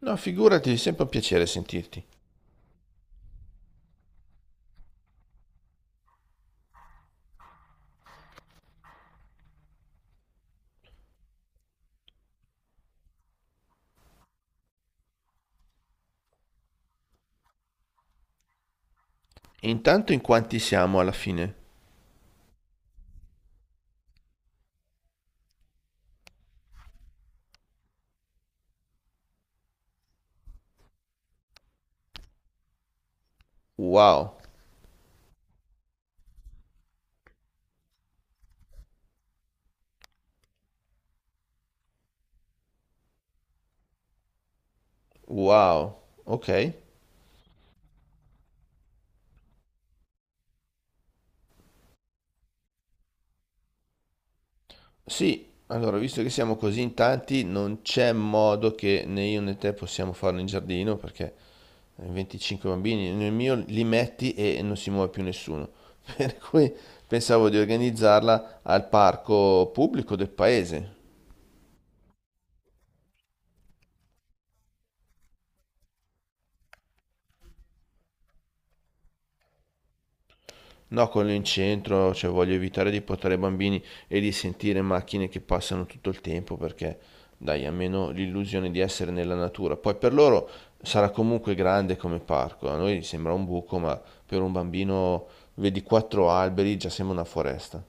No, figurati, è sempre un piacere sentirti. E intanto in quanti siamo alla fine? Wow, wow, ok. Sì, allora, visto che siamo così in tanti, non c'è modo che né io né te possiamo farlo in giardino, perché 25 bambini, nel mio li metti e non si muove più nessuno. Per cui pensavo di organizzarla al parco pubblico del paese. No, quello in centro, cioè voglio evitare di portare i bambini e di sentire macchine che passano tutto il tempo perché dai, almeno l'illusione di essere nella natura. Poi per loro sarà comunque grande come parco, a noi sembra un buco, ma per un bambino vedi quattro alberi, già sembra una foresta.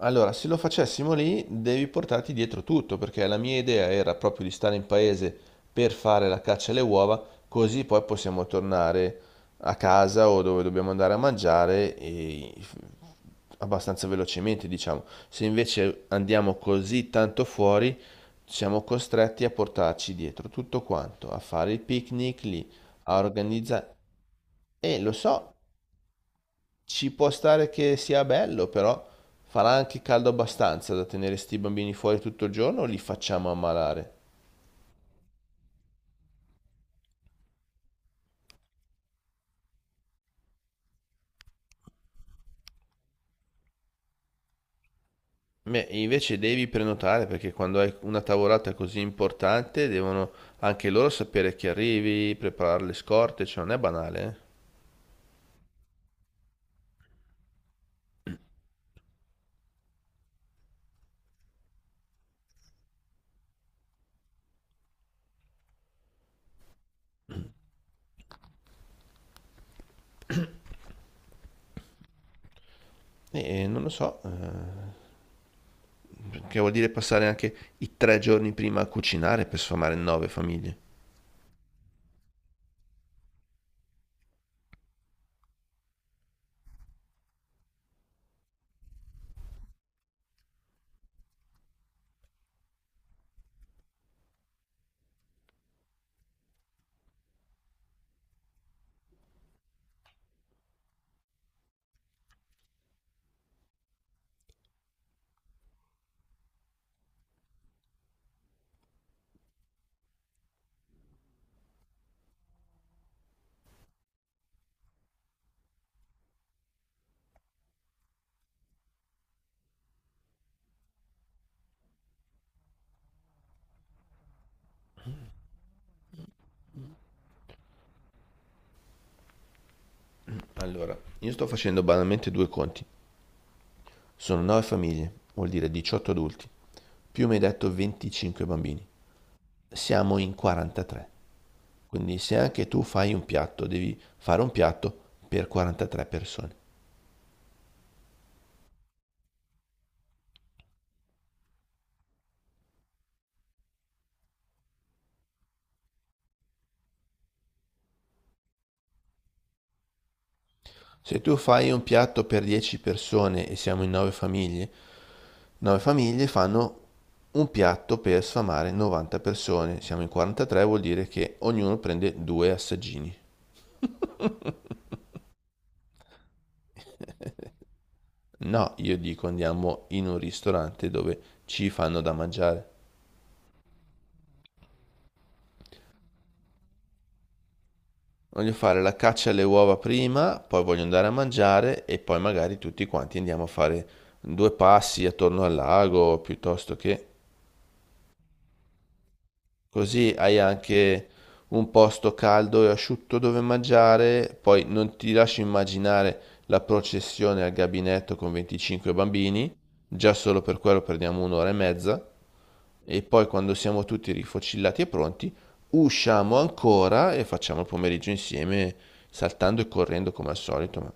Allora, se lo facessimo lì, devi portarti dietro tutto, perché la mia idea era proprio di stare in paese per fare la caccia alle uova, così poi possiamo tornare a casa o dove dobbiamo andare a mangiare e abbastanza velocemente, diciamo. Se invece andiamo così tanto fuori, siamo costretti a portarci dietro tutto quanto, a fare il picnic lì, a organizzare. E lo so, ci può stare che sia bello, però farà anche caldo abbastanza da tenere sti bambini fuori tutto il giorno o li facciamo ammalare? Beh, invece devi prenotare perché quando hai una tavolata così importante devono anche loro sapere che arrivi, preparare le scorte, cioè non è banale, eh? E non lo so, che vuol dire passare anche i 3 giorni prima a cucinare per sfamare nove famiglie. Allora, io sto facendo banalmente due conti. Sono nove famiglie, vuol dire 18 adulti, più mi hai detto 25 bambini. Siamo in 43. Quindi se anche tu fai un piatto, devi fare un piatto per 43 persone. Se tu fai un piatto per 10 persone e siamo in 9 famiglie, 9 famiglie fanno un piatto per sfamare 90 persone. Siamo in 43, vuol dire che ognuno prende due assaggini. No, io dico andiamo in un ristorante dove ci fanno da mangiare. Voglio fare la caccia alle uova prima, poi voglio andare a mangiare e poi magari tutti quanti andiamo a fare due passi attorno al lago piuttosto che... Così hai anche un posto caldo e asciutto dove mangiare, poi non ti lascio immaginare la processione al gabinetto con 25 bambini, già solo per quello perdiamo un'ora e mezza, e poi quando siamo tutti rifocillati e pronti, usciamo ancora e facciamo il pomeriggio insieme, saltando e correndo come al solito.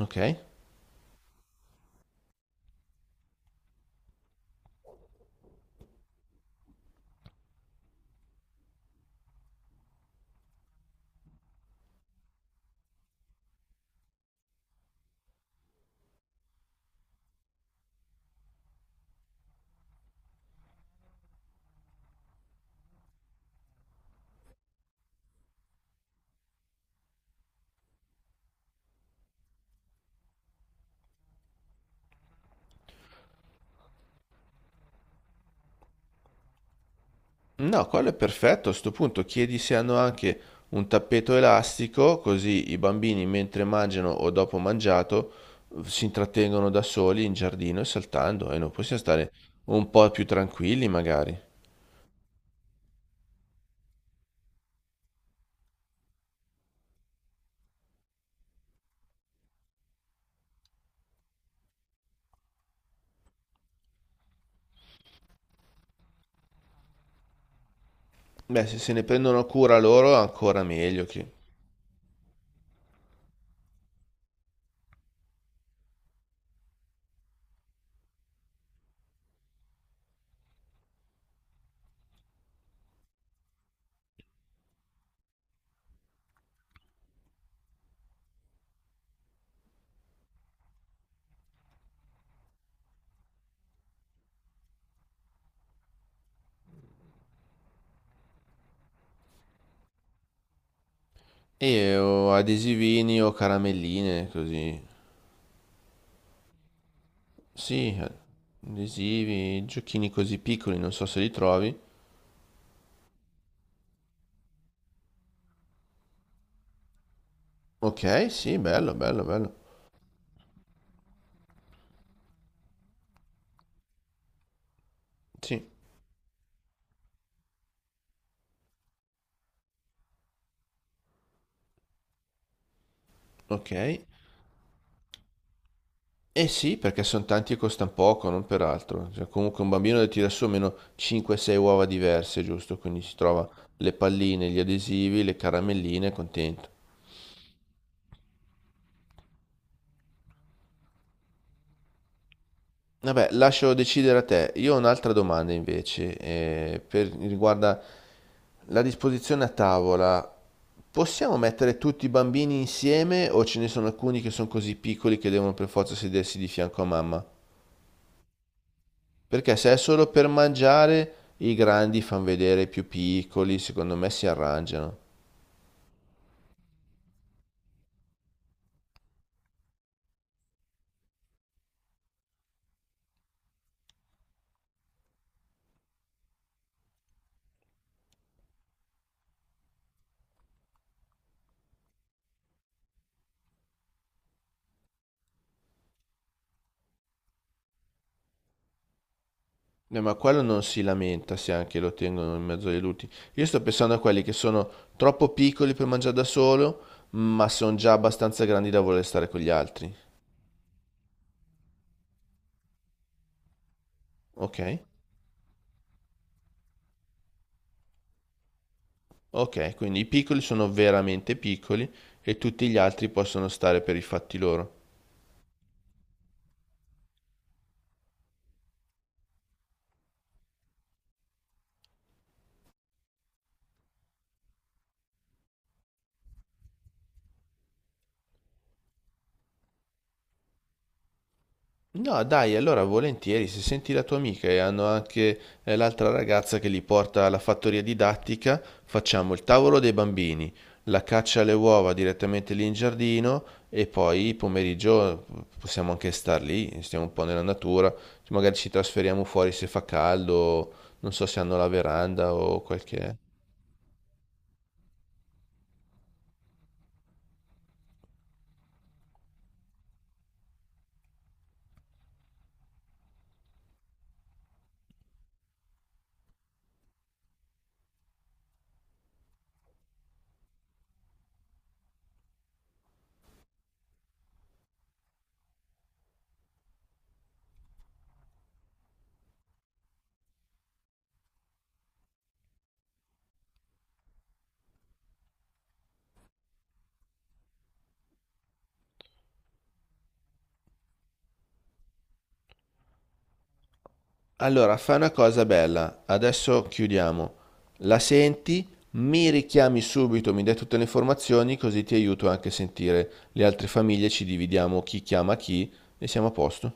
Ok? No, quello è perfetto. A sto punto chiedi se hanno anche un tappeto elastico, così i bambini mentre mangiano o dopo mangiato si intrattengono da soli in giardino e saltando e noi possiamo stare un po' più tranquilli magari. Beh, se se ne prendono cura loro ancora meglio che... E o adesivini o caramelline, così. Sì, adesivi, giochini così piccoli, non so se li trovi. Ok, sì, bello, bello, bello. Sì, ok. Eh sì, perché sono tanti e costano poco, non per altro. Cioè, comunque un bambino deve tirare su almeno 5-6 uova diverse, giusto? Quindi si trova le palline, gli adesivi, le caramelline, è contento. Vabbè, lascio decidere a te. Io ho un'altra domanda invece, riguarda la disposizione a tavola. Possiamo mettere tutti i bambini insieme o ce ne sono alcuni che sono così piccoli che devono per forza sedersi di fianco a mamma? Perché se è solo per mangiare, i grandi fan vedere i più piccoli, secondo me si arrangiano. Ma quello non si lamenta se anche lo tengono in mezzo ai luti. Io sto pensando a quelli che sono troppo piccoli per mangiare da solo, ma sono già abbastanza grandi da voler stare con gli altri. Ok? Ok, quindi i piccoli sono veramente piccoli e tutti gli altri possono stare per i fatti loro. No, dai, allora volentieri, se senti la tua amica e hanno anche l'altra ragazza che li porta alla fattoria didattica, facciamo il tavolo dei bambini, la caccia alle uova direttamente lì in giardino e poi pomeriggio possiamo anche star lì, stiamo un po' nella natura, magari ci trasferiamo fuori se fa caldo, non so se hanno la veranda o qualche... Allora, fai una cosa bella, adesso chiudiamo. La senti, mi richiami subito, mi dai tutte le informazioni, così ti aiuto anche a sentire le altre famiglie, ci dividiamo chi chiama chi e siamo a posto.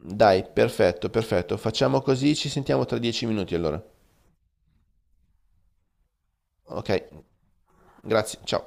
Dai, perfetto, perfetto. Facciamo così, ci sentiamo tra 10 minuti allora. Ok, grazie, ciao.